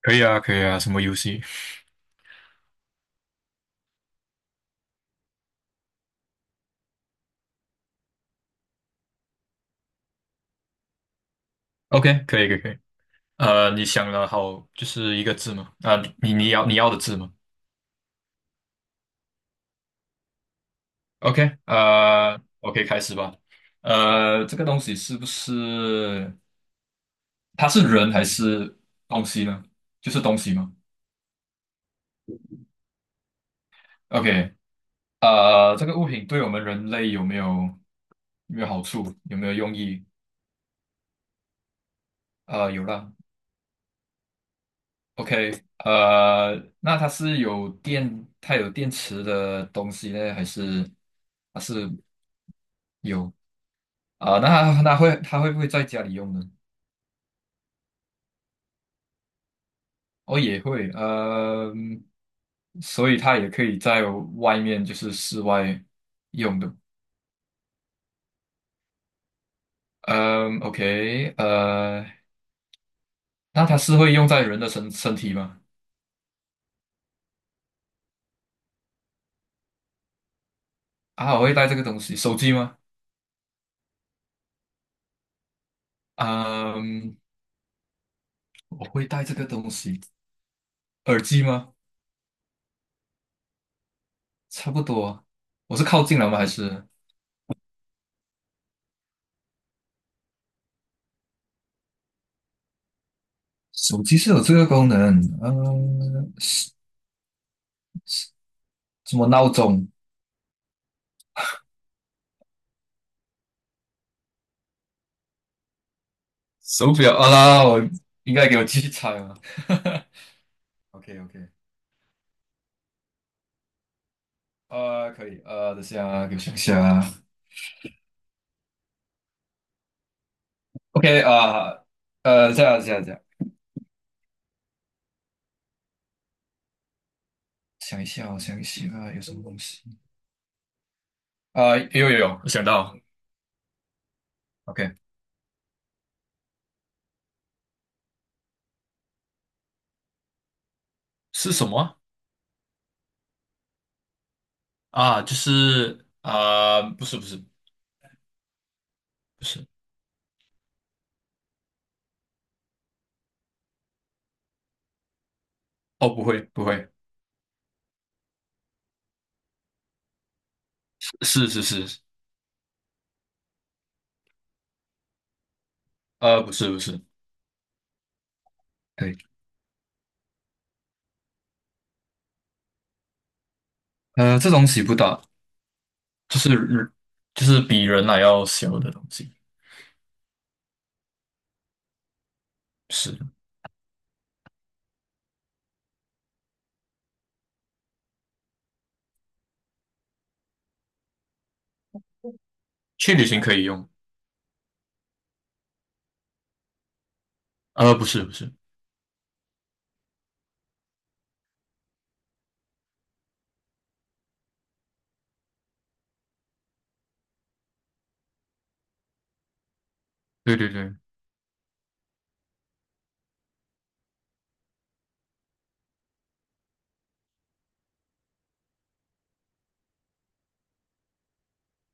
可以啊，可以啊，什么游戏？OK，可以，可以，可以。你想了好，就是一个字吗？啊、你你要你要的字吗？OK，OK，开始吧。这个东西是不是它是人还是东西呢？就是东西吗？OK，这个物品对我们人类有没有有没有好处？有没有用意？有啦。OK，那它是有电，它有电池的东西呢，还是它是有啊，那他会不会在家里用呢？哦，也会，嗯，所以它也可以在外面，就是室外用的。嗯，OK，那它是会用在人的身体吗？啊，我会带这个东西，手机吗？嗯，我会带这个东西，耳机吗？差不多，我是靠近了吗？还是手机是有这个功能？嗯，什么闹钟？手表啊啦，我应该给我继续猜啊。OK OK，可以，等下啊给我想一下啊。OK 啊、这样，想一下哦，我想一下啊，有什么东西啊、有，我想到，OK，是什么啊？啊就是啊、不是，哦，不会不会，是是是，不是不是，对，这东西不大，就是就是比人还要小的东西，是去旅行可以用，不是不是。对对对，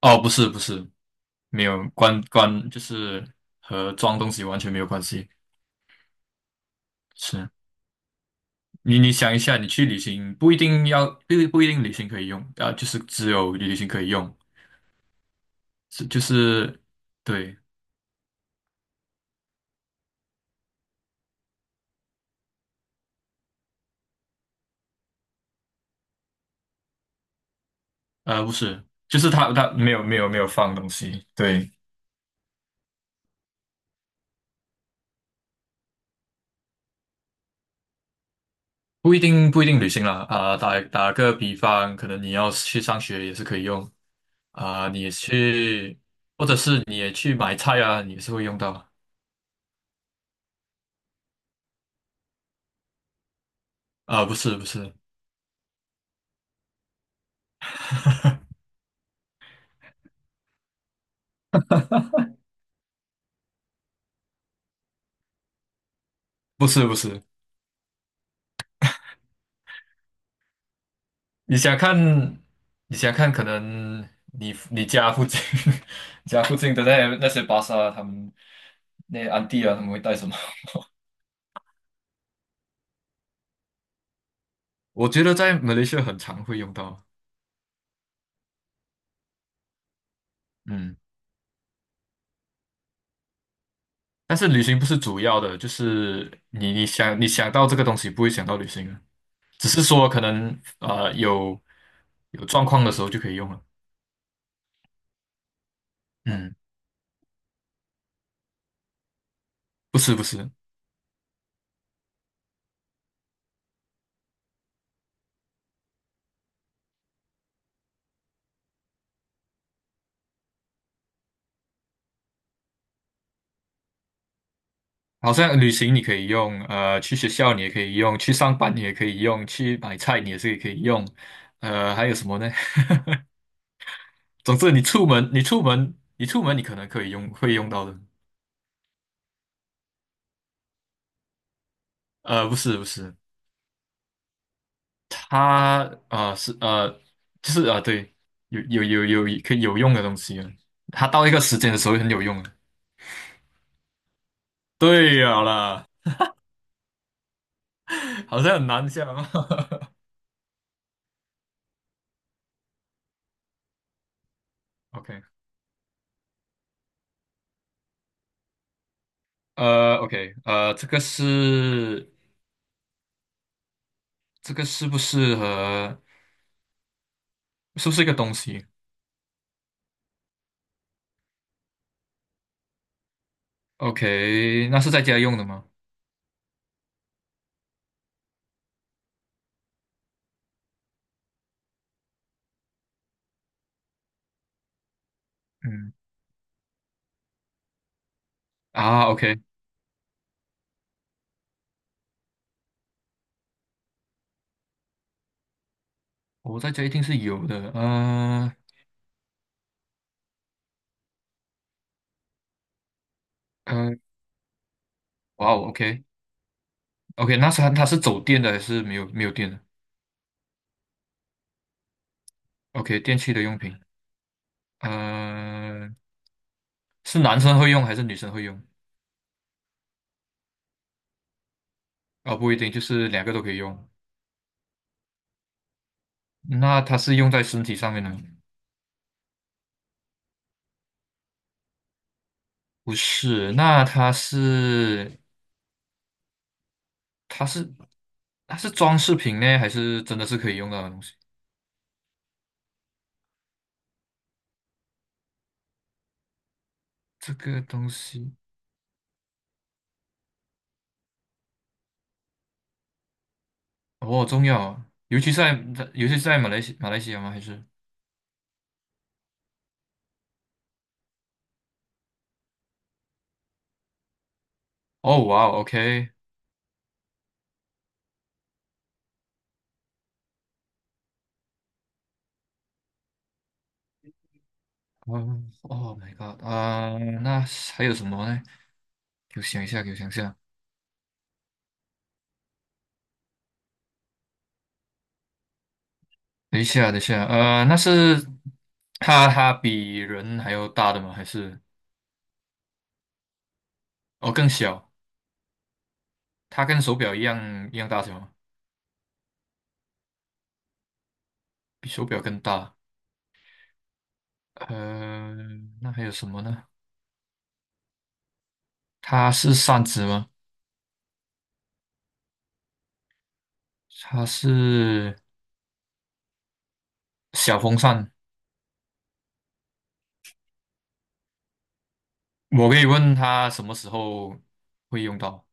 哦，不是不是，没有关关，就是和装东西完全没有关系。是你想一下，你去旅行不一定旅行可以用啊，就是只有旅行可以用，是就是对，不是，就是他没有放东西，对，不一定旅行啦啊，打个比方，可能你要去上学也是可以用啊，你也去或者是你也去买菜啊，你也是会用到啊，不是不是。不是不是，你想看，你想看，可能你家附近 家附近的那些巴萨，他们那些安迪啊，他们会带什么？我觉得在马来西亚很常会用到，嗯，但是旅行不是主要的，就是你想到这个东西，不会想到旅行啊，只是说可能有有状况的时候就可以用了，嗯，不是不是。好像旅行你可以用，去学校你也可以用，去上班你也可以用，去买菜你也是可以用，还有什么呢？总之你出门，你出门，你出门你可能可以用，会用到的。不是不是，它呃是呃就是对，有可以有用的东西啊，它到一个时间的时候会很有用的。对呀啦，好像很难想啊。OK，OK，这个是不是和是不是一个东西？OK，那是在家用的吗？嗯啊，OK，我在家一定是有的。呃，哇哦，OK，OK，那是它是走电的还是没有电的？OK，电器的用品，呃，是男生会用还是女生会用？啊，不一定，就是两个都可以用。那它是用在身体上面的吗？不是，那它是它是装饰品呢，还是真的是可以用到的东西？这个东西哦，中药，尤其是在尤其是在马来西亚吗？还是哦，哇哦，OK，嗯，Oh my God，啊、那还有什么呢？给我想一下，给我想一下，等一下，等一下，那是它比人还要大的吗？还是哦更小？它跟手表一样大小吗？比手表更大。呃，那还有什么呢？它是扇子吗？它是小风扇。我可以问它什么时候会用到？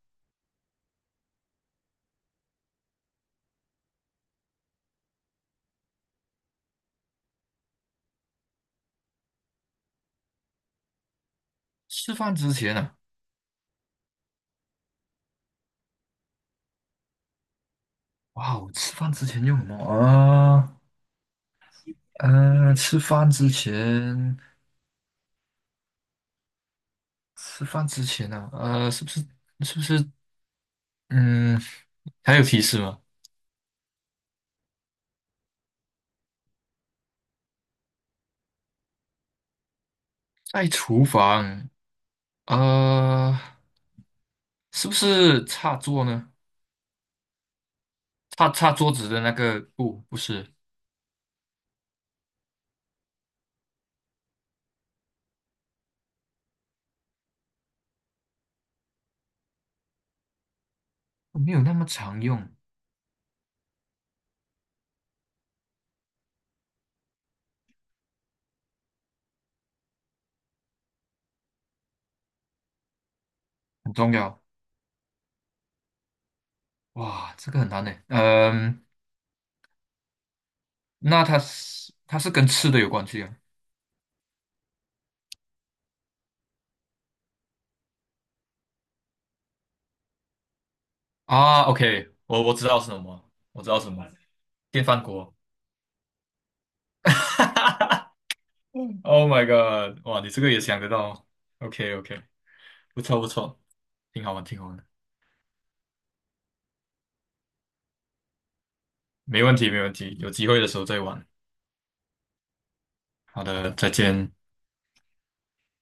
吃饭之前呢？哇哦，吃饭之前用什么啊？吃饭之前，吃饭之前呢？啊呃，是不是是不是嗯，还有提示吗？在厨房，呃，是不是擦桌呢？擦桌子的那个布不是，没有那么常用，很重要。哇，这个很难呢。嗯、那它是跟吃的有关系啊？啊，OK，我知道是什么，我知道什么，电饭锅。哈 Oh my god！哇，你这个也想得到？OK OK，不错不错，挺好玩的没问题没问题，有机会的时候再玩。好的，再见。